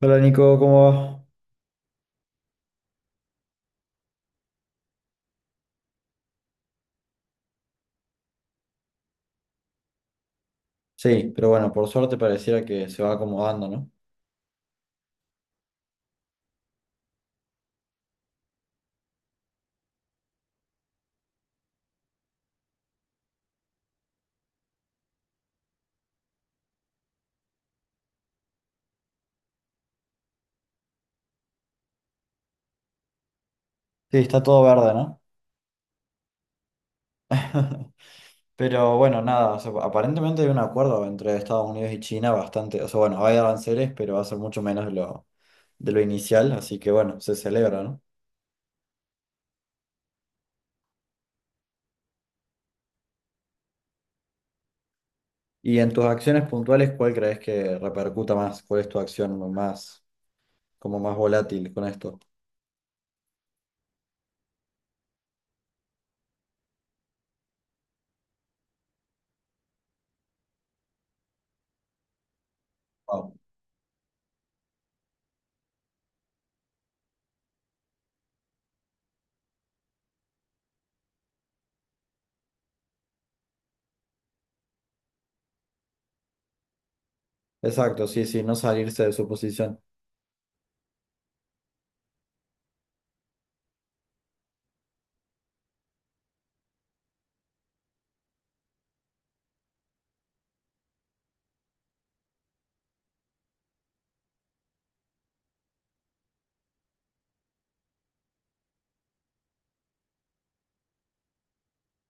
Hola Nico, ¿cómo va? Sí, pero bueno, por suerte pareciera que se va acomodando, ¿no? Sí, está todo verde, ¿no? Pero bueno, nada, o sea, aparentemente hay un acuerdo entre Estados Unidos y China bastante, o sea, bueno, hay aranceles, pero va a ser mucho menos de lo inicial, así que bueno, se celebra, ¿no? Y en tus acciones puntuales, ¿cuál crees que repercuta más? ¿Cuál es tu acción más, como más volátil con esto? Wow. Exacto, sí, sí, no salirse de su posición.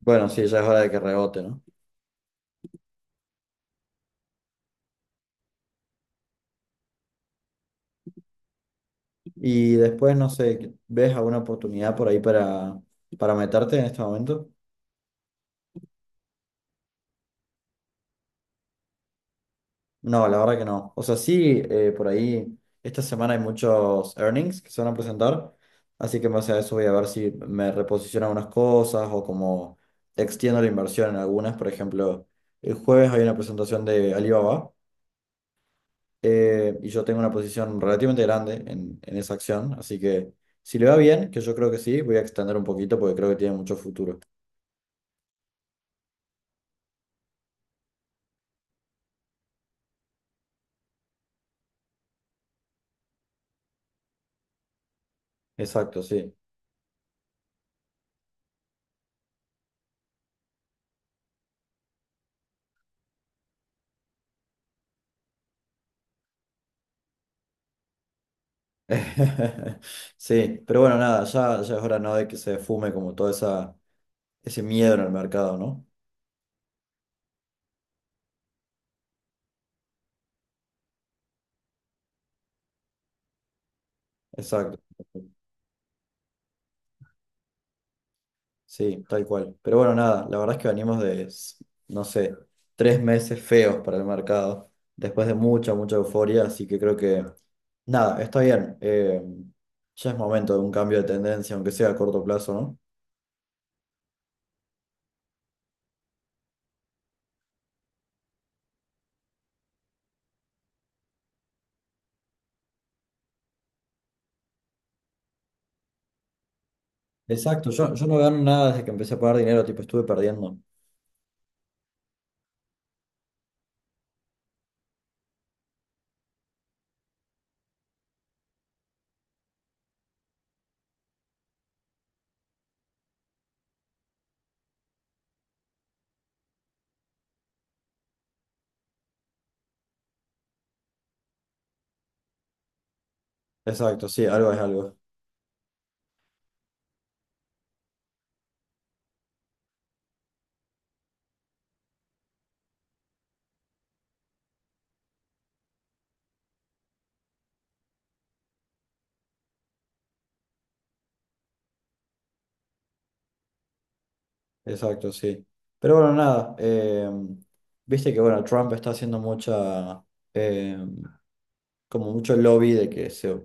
Bueno, sí, ya es hora de que rebote, ¿no? Y después, no sé, ¿ves alguna oportunidad por ahí para meterte en este momento? No, la verdad que no. O sea, sí, por ahí esta semana hay muchos earnings que se van a presentar, así que en base a eso voy a ver si me reposiciono algunas cosas o como extiendo la inversión en algunas. Por ejemplo, el jueves hay una presentación de Alibaba, y yo tengo una posición relativamente grande en esa acción, así que si le va bien, que yo creo que sí, voy a extender un poquito porque creo que tiene mucho futuro. Exacto, sí. Sí, pero bueno, nada, ya, ya es hora, ¿no? De que se fume como todo esa, ese miedo en el mercado, ¿no? Exacto. Sí, tal cual. Pero bueno, nada, la verdad es que venimos de, no sé, tres meses feos para el mercado, después de mucha, mucha euforia, así que creo que, nada, está bien. Ya es momento de un cambio de tendencia, aunque sea a corto plazo, ¿no? Exacto, yo no gano nada desde que empecé a pagar dinero, tipo, estuve perdiendo. Exacto, sí, algo es algo. Exacto, sí. Pero bueno, nada, viste que bueno, Trump está haciendo mucha, eh, como mucho lobby de que se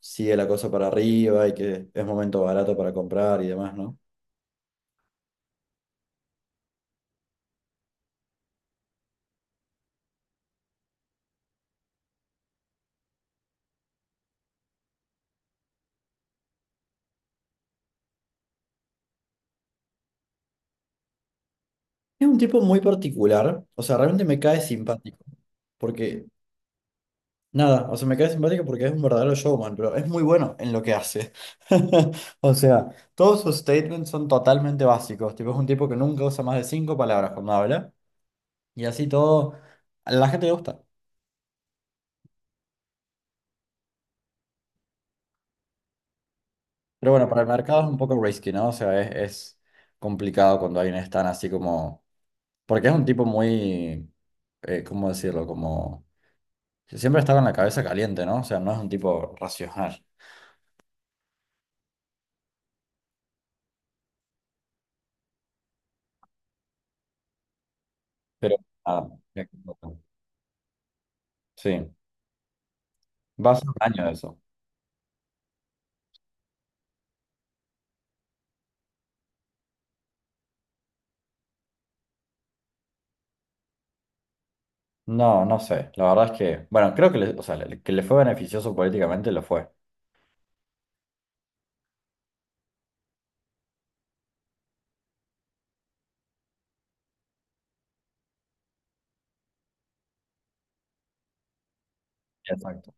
sigue la cosa para arriba y que es momento barato para comprar y demás, ¿no? Es un tipo muy particular, o sea, realmente me cae simpático, porque nada, o sea, me cae simpático porque es un verdadero showman, pero es muy bueno en lo que hace. O sea, todos sus statements son totalmente básicos, tipo, es un tipo que nunca usa más de cinco palabras cuando habla. Y así todo, a la gente le gusta. Pero bueno, para el mercado es un poco risky, ¿no? O sea, es complicado cuando hay un stand así como. Porque es un tipo muy. ¿Cómo decirlo? Como. Que siempre está con la cabeza caliente, ¿no? O sea, no es un tipo racional. Pero, ah, sí, va a ser un año de eso. No, no sé. La verdad es que, bueno, creo que le, o sea, le- que le fue beneficioso políticamente, lo fue. Exacto.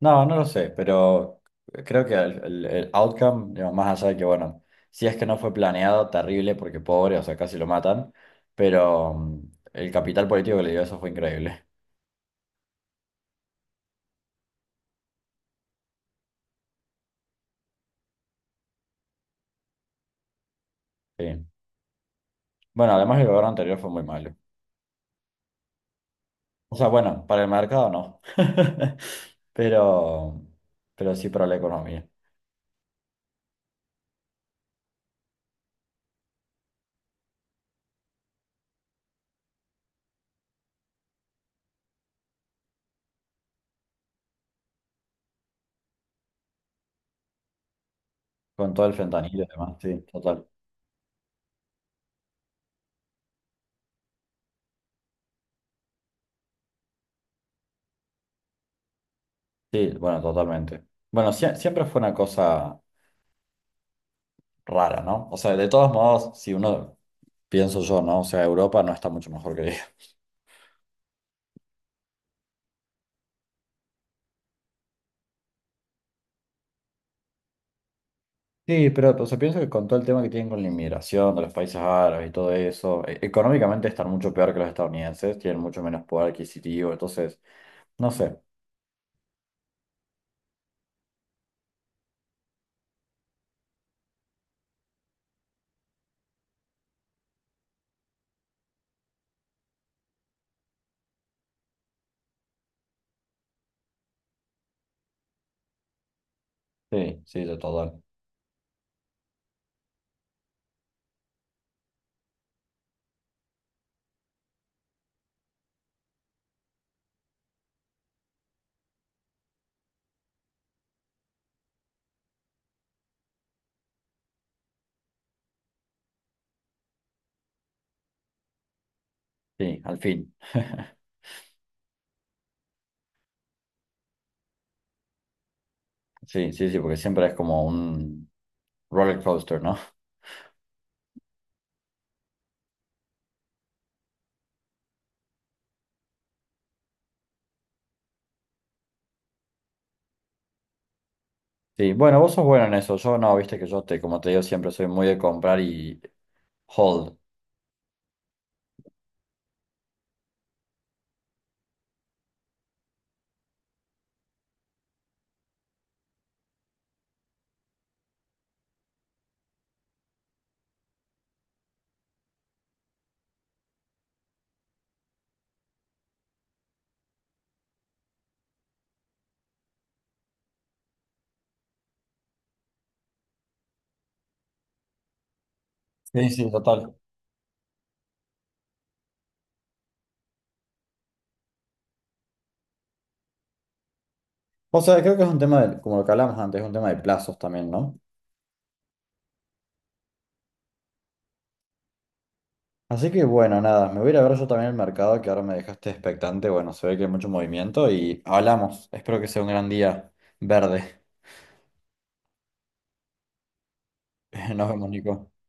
No, no lo sé, pero creo que el outcome, digamos, más allá de que, bueno, si es que no fue planeado, terrible, porque pobre, o sea, casi lo matan, pero el capital político que le dio eso fue increíble. Sí. Bueno, además el gobierno anterior fue muy malo. O sea, bueno, para el mercado no, pero, pero sí para la economía, con todo el fentanilo y demás, sí, total. Sí, bueno, totalmente. Bueno, siempre fue una cosa rara, ¿no? O sea, de todos modos, si uno pienso yo, ¿no? O sea, Europa no está mucho mejor que ella. Sí, pero o sea, pienso que con todo el tema que tienen con la inmigración de los países árabes y todo eso, económicamente están mucho peor que los estadounidenses, tienen mucho menos poder adquisitivo, entonces, no sé. Sí, sí, de todo. Sí, al fin. Sí, sí, sí, porque siempre es como un roller coaster, ¿no? Sí, bueno, vos sos bueno en eso. Yo no, viste que yo te, como te digo, siempre soy muy de comprar y hold. Sí, sí, total. O sea, creo que es un tema de, como lo que hablamos antes, es un tema de plazos también, ¿no? Así que bueno, nada, me voy a ir a ver yo también el mercado que ahora me dejaste expectante. Bueno, se ve que hay mucho movimiento y hablamos. Espero que sea un gran día verde. Nos vemos, Nico.